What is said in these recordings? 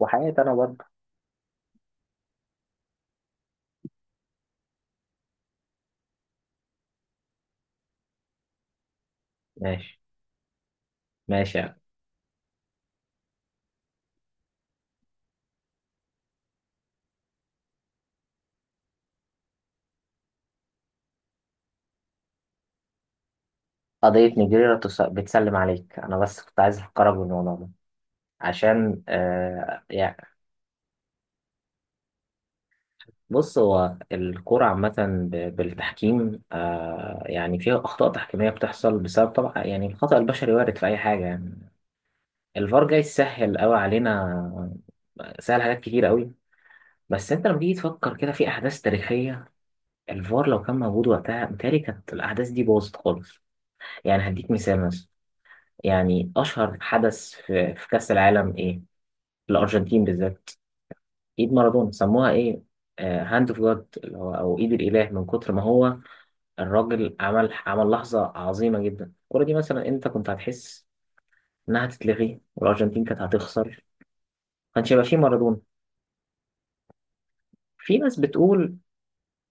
وحياتي انا برضه. ماشي. ماشي يعني. قضية نيجيريا بتسلم عليك، انا بس كنت عايز افكرك بالموضوع ده عشان يعني. بص، هو الكرة عامة بالتحكيم يعني فيها أخطاء تحكيمية بتحصل بسبب طبعا يعني الخطأ البشري، وارد في أي حاجة يعني. الفار جاي يسهل أوي علينا، سهل حاجات كتير أوي. بس أنت لما تيجي تفكر كده في أحداث تاريخية، الفار لو كان موجود وقتها متهيألي كانت الأحداث دي باظت خالص. يعني هديك مثال مثلا، يعني أشهر حدث في كأس العالم إيه؟ في الأرجنتين بالذات. إيد مارادونا سموها إيه؟ هاند اوف جاد، اللي هو أو إيد الإله. من كتر ما هو الراجل عمل لحظة عظيمة جدا، الكورة دي مثلا أنت كنت هتحس إنها هتتلغي والأرجنتين كانت هتخسر، كانش هيبقى فيه مارادونا. في ناس بتقول،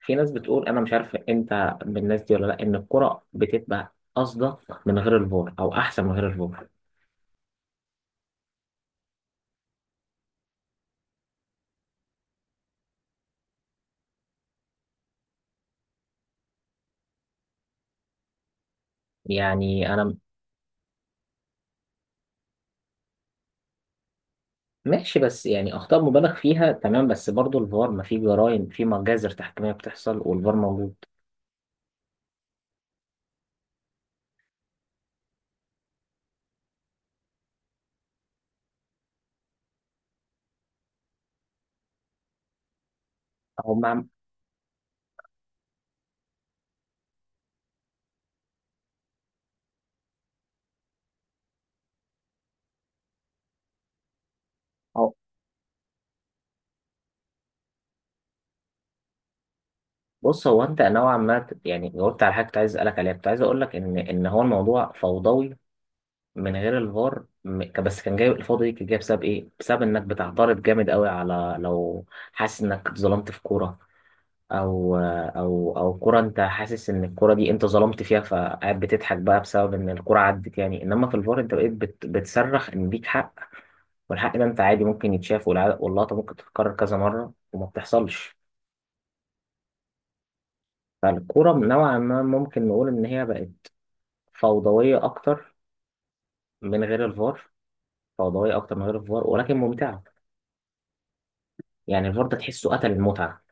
في ناس بتقول، أنا مش عارف أنت من الناس دي ولا لأ، إن الكرة بتبقى أصدق من غير الفار أو أحسن من غير الفار. يعني أنا ماشي، بس يعني اخطاء مبالغ فيها تمام، بس برضو الفار، ما في جرائم، في مجازر تحكيميه بتحصل والفار موجود. اهو مع، اهو، بص هو انت نوعا ما يعني جاوبت على حاجه كنت عايز اسالك عليها. كنت عايز اقول لك ان هو الموضوع فوضوي من غير الفار بس كان جاي، الفوضى دي كانت جايه بسبب ايه؟ بسبب انك بتعترض جامد قوي على، لو حاسس انك اتظلمت في كوره، او او كوره انت حاسس ان الكوره دي انت ظلمت فيها، فقاعد بتضحك بقى بسبب ان الكوره عدت يعني، انما في الفار انت بقيت بتصرخ ان ليك حق، والحق ده انت عادي ممكن يتشاف، واللقطه ممكن تتكرر كذا مره وما بتحصلش. فالكوره نوعا ما ممكن نقول ان هي بقت فوضويه اكتر من غير الفار، فوضويه اكتر من غير الفار، ولكن ممتعه. يعني الفار ده تحسه قتل المتعه.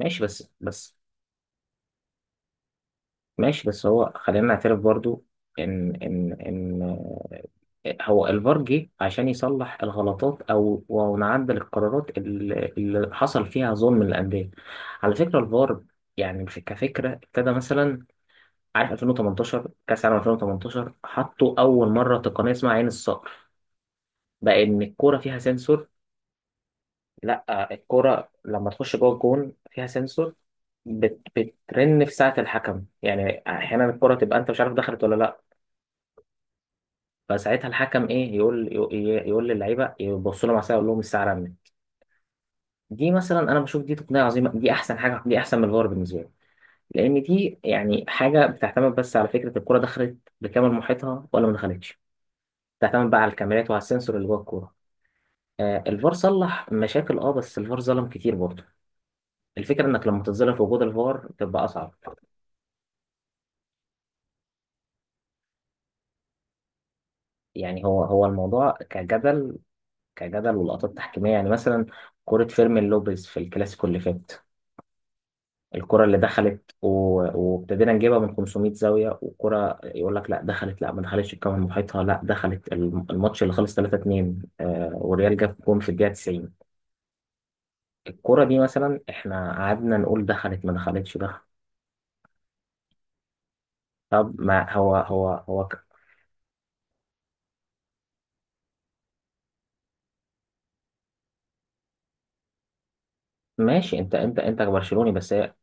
ماشي بس. ماشي بس هو خلينا نعترف برضو ان هو الفار جه عشان يصلح الغلطات او ونعدل القرارات اللي حصل فيها ظلم للانديه. على فكره الفار يعني كفكره ابتدى مثلا، عارف 2018، كاس عالم 2018 حطوا اول مره تقنيه اسمها عين الصقر، بقى ان الكوره فيها سنسور. لا، الكوره لما تخش جوه الجون فيها سنسور، بترن في ساعه الحكم، يعني احيانا الكوره تبقى انت مش عارف دخلت ولا لا. فساعتها الحكم ايه يقول، يقول للعيبه يبصوا لهم على الساعه، يقول لهم الساعه رنت. دي مثلا انا بشوف دي تقنيه عظيمه، دي احسن حاجه، دي احسن من الفار بالنسبه لي. لان دي يعني حاجه بتعتمد بس على فكره الكوره دخلت بكامل محيطها ولا ما دخلتش، تعتمد بقى على الكاميرات وعلى السنسور اللي جوه الكوره. آه، الفار صلح مشاكل، اه، بس الفار ظلم كتير برضه. الفكره انك لما تتظلم في وجود الفار تبقى اصعب. يعني هو الموضوع كجدل، كجدل ولقطات تحكيميه. يعني مثلا كره فيرمين لوبيز في الكلاسيكو اللي فات، الكره اللي دخلت و- وابتدينا نجيبها من 500 زاويه، والكره يقول لك لا دخلت، لا ما دخلتش الكاميرا محيطها، لا دخلت. الماتش اللي خلص 3 2، آه، والريال جاب جون في الدقيقه 90، الكرة دي مثلا احنا قعدنا نقول دخلت ما دخلتش. طب ما هو هو. ماشي، انت برشلوني، بس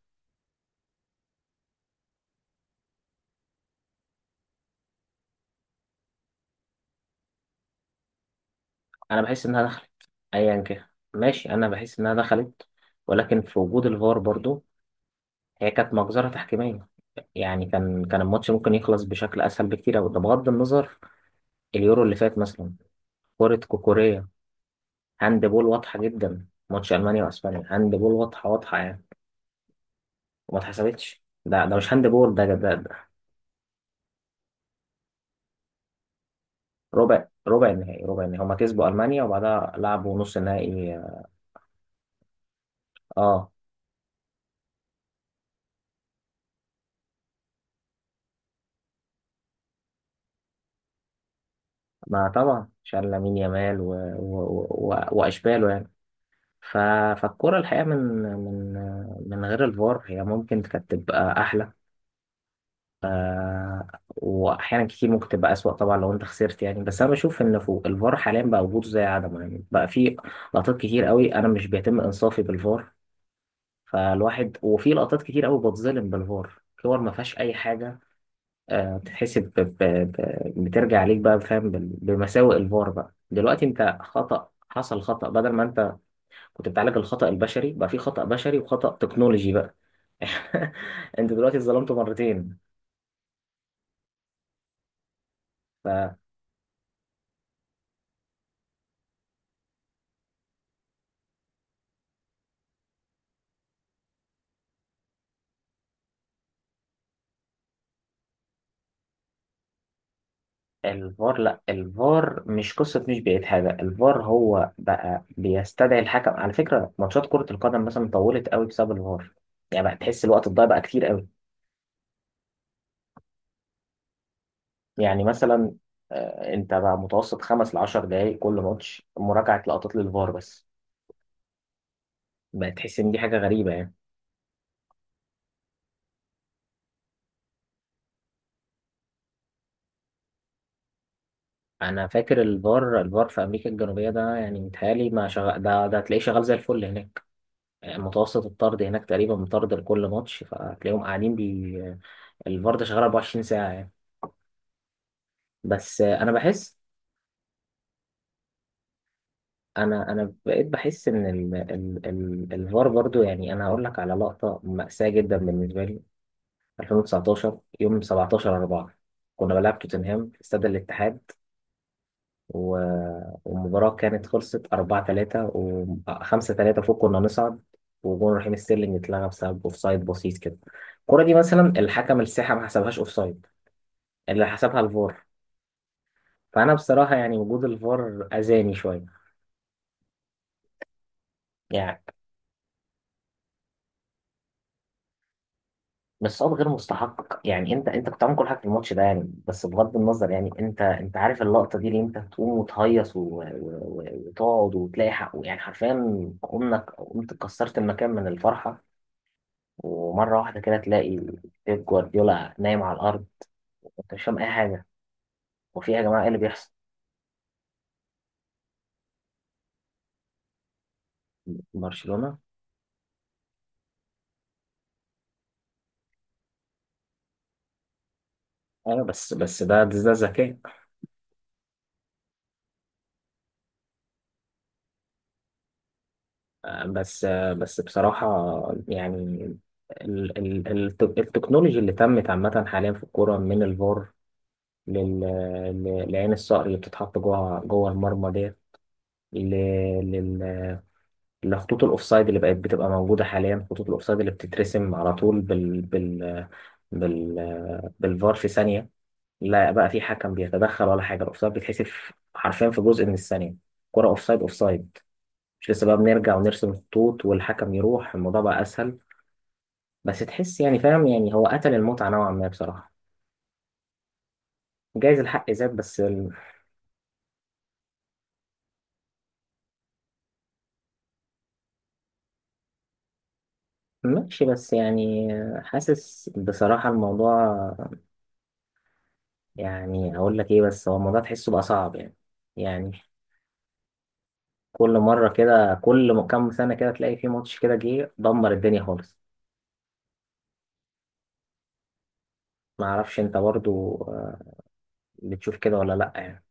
انا بحس انها دخلت ايا كان. ماشي، انا بحس انها دخلت، ولكن في وجود الفار برضو هي كانت مجزرة تحكيمية. يعني كان الماتش ممكن يخلص بشكل اسهل بكتير أوي، ده بغض النظر. اليورو اللي فات مثلا، كرة كوكوريا، هاند بول واضحة جدا، ماتش المانيا واسبانيا، هاند بول واضحة واضحة يعني، وما اتحسبتش. ده مش هاند بول، ده. ربع النهائي، ربع النهائي هما كسبوا المانيا، وبعدها لعبوا نص النهائي. اه، ما طبعا شال لامين يامال واشباله يعني. ف... فالكرة الحقيقة من من غير الفار هي ممكن كانت تبقى احلى، آه، واحيانا كتير ممكن تبقى اسوأ طبعا لو انت خسرت يعني. بس انا بشوف ان فوق، الفار حاليا بقى وجوده زي عدمه، يعني بقى في لقطات كتير قوي انا مش بيتم انصافي بالفار، فالواحد، وفي لقطات كتير قوي بتظلم بالفار، كور ما فيهاش اي حاجة بتتحسب بترجع عليك بقى فاهم، بمساوئ الفار بقى دلوقتي، انت خطأ، حصل خطأ، بدل ما انت كنت بتعالج الخطأ البشري، بقى في خطأ بشري وخطأ تكنولوجي بقى. انت دلوقتي اتظلمت مرتين. فالفار لا، الفار مش قصة، مش بقيت حاجة الفار هو بقى بيستدعي الحكم. على فكرة ماتشات كرة القدم مثلا طولت قوي بسبب الفار، يعني بقى تحس الوقت الضايع بقى كتير قوي. يعني مثلا انت بقى متوسط خمس لعشر دقايق كل ماتش مراجعة لقطات للفار بس، بقى تحس ان دي حاجة غريبة يعني. انا فاكر الفار في امريكا الجنوبية ده يعني متهيألي ما شغال، ده هتلاقيه شغال زي الفل هناك. متوسط الطرد هناك تقريبا مطرد لكل ماتش، فهتلاقيهم قاعدين بي، الفار ده شغال 24 ساعة يعني. بس انا بحس، انا بقيت بحس ان ال الفار برضو يعني. انا هقول لك على لقطة مأساة جدا بالنسبة لي، 2019 يوم 17 4 كنا بنلعب توتنهام في استاد الاتحاد و... والمباراة كانت خلصت 4 3 و 5 3 فوق، كنا نصعد، وجون رحيم ستيرلينج اتلغى بسبب اوفسايد بسيط كده. الكرة دي مثلا الحكم الساحة ما حسبهاش اوفسايد، اللي حسبها الفار. فأنا بصراحة يعني وجود الفار أذاني شوية. يعني بس صعب غير مستحق يعني، انت انت كنت عامل كل حاجه في الماتش ده يعني، بس بغض النظر يعني. انت انت عارف اللقطه دي اللي انت تقوم وتهيص وتقعد وتلاقي حقه يعني، حرفيا قمنا، قمت كسرت المكان من الفرحه، ومره واحده كده تلاقي بيب جوارديولا نايم على الارض، وانت مش فاهم اي حاجه، وفي يا جماعه ايه اللي بيحصل. برشلونة، ايوه، بس ده ذكاء. بس بصراحة يعني ال التكنولوجي اللي تمت عامة حاليا في الكورة، من الفار لل... لعين الصقر اللي بتتحط جوه المرمى ديت، ل... لل... لخطوط الاوفسايد اللي بقت بتبقى موجوده حاليا. خطوط الاوفسايد اللي بتترسم على طول بالفار في ثانيه، لا بقى في حكم بيتدخل ولا حاجه، الاوفسايد بيتحسب حرفيا في جزء من الثانيه، كرة اوفسايد اوفسايد، مش لسه بقى بنرجع ونرسم خطوط والحكم يروح، الموضوع بقى اسهل. بس تحس يعني، فاهم يعني، هو قتل المتعه نوعا ما بصراحه، جايز الحق زاد بس. ماشي بس يعني، حاسس بصراحة الموضوع، يعني هقول لك ايه، بس هو الموضوع تحسه بقى صعب يعني. يعني كل مرة كده، كل كام سنة كده تلاقي في ماتش كده جه دمر الدنيا خالص. ما اعرفش انت برضو بتشوف كده ولا لا يعني.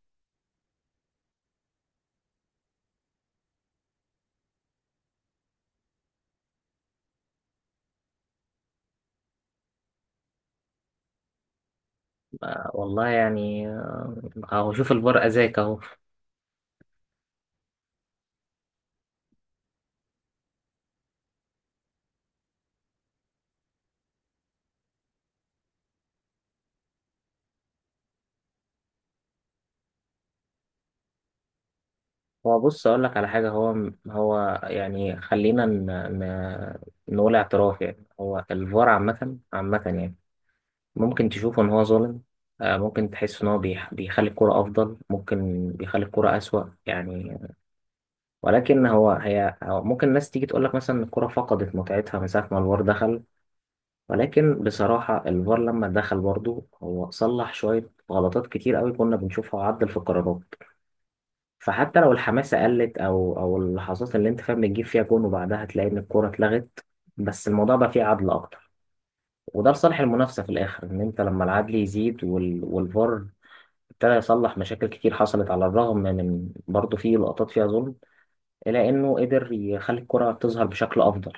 والله يعني، اهو شوف الفار اذاك اهو. هو بص اقول لك على حاجة، هو يعني خلينا ن- نقول اعتراف. يعني هو الفار عامة يعني ممكن تشوفه إن هو ظالم، ممكن تحس إن هو بيخلي الكرة أفضل، ممكن بيخلي الكرة أسوأ يعني. ولكن هو ممكن الناس تيجي تقول لك مثلا إن الكرة فقدت متعتها من ساعة ما الفار دخل، ولكن بصراحة الفار لما دخل برضه هو صلح شوية غلطات كتير قوي كنا بنشوفها، وعدل في القرارات. فحتى لو الحماسة قلت، أو اللحظات اللي أنت فاهم بتجيب فيها جون وبعدها تلاقي إن الكرة اتلغت، بس الموضوع بقى فيه عدل أكتر، وده لصالح المنافسة في الآخر، إن أنت لما العدل يزيد والفار ابتدى يصلح مشاكل كتير حصلت، على الرغم من برضه في لقطات فيها ظلم، إلى إنه قدر يخلي الكرة تظهر بشكل أفضل.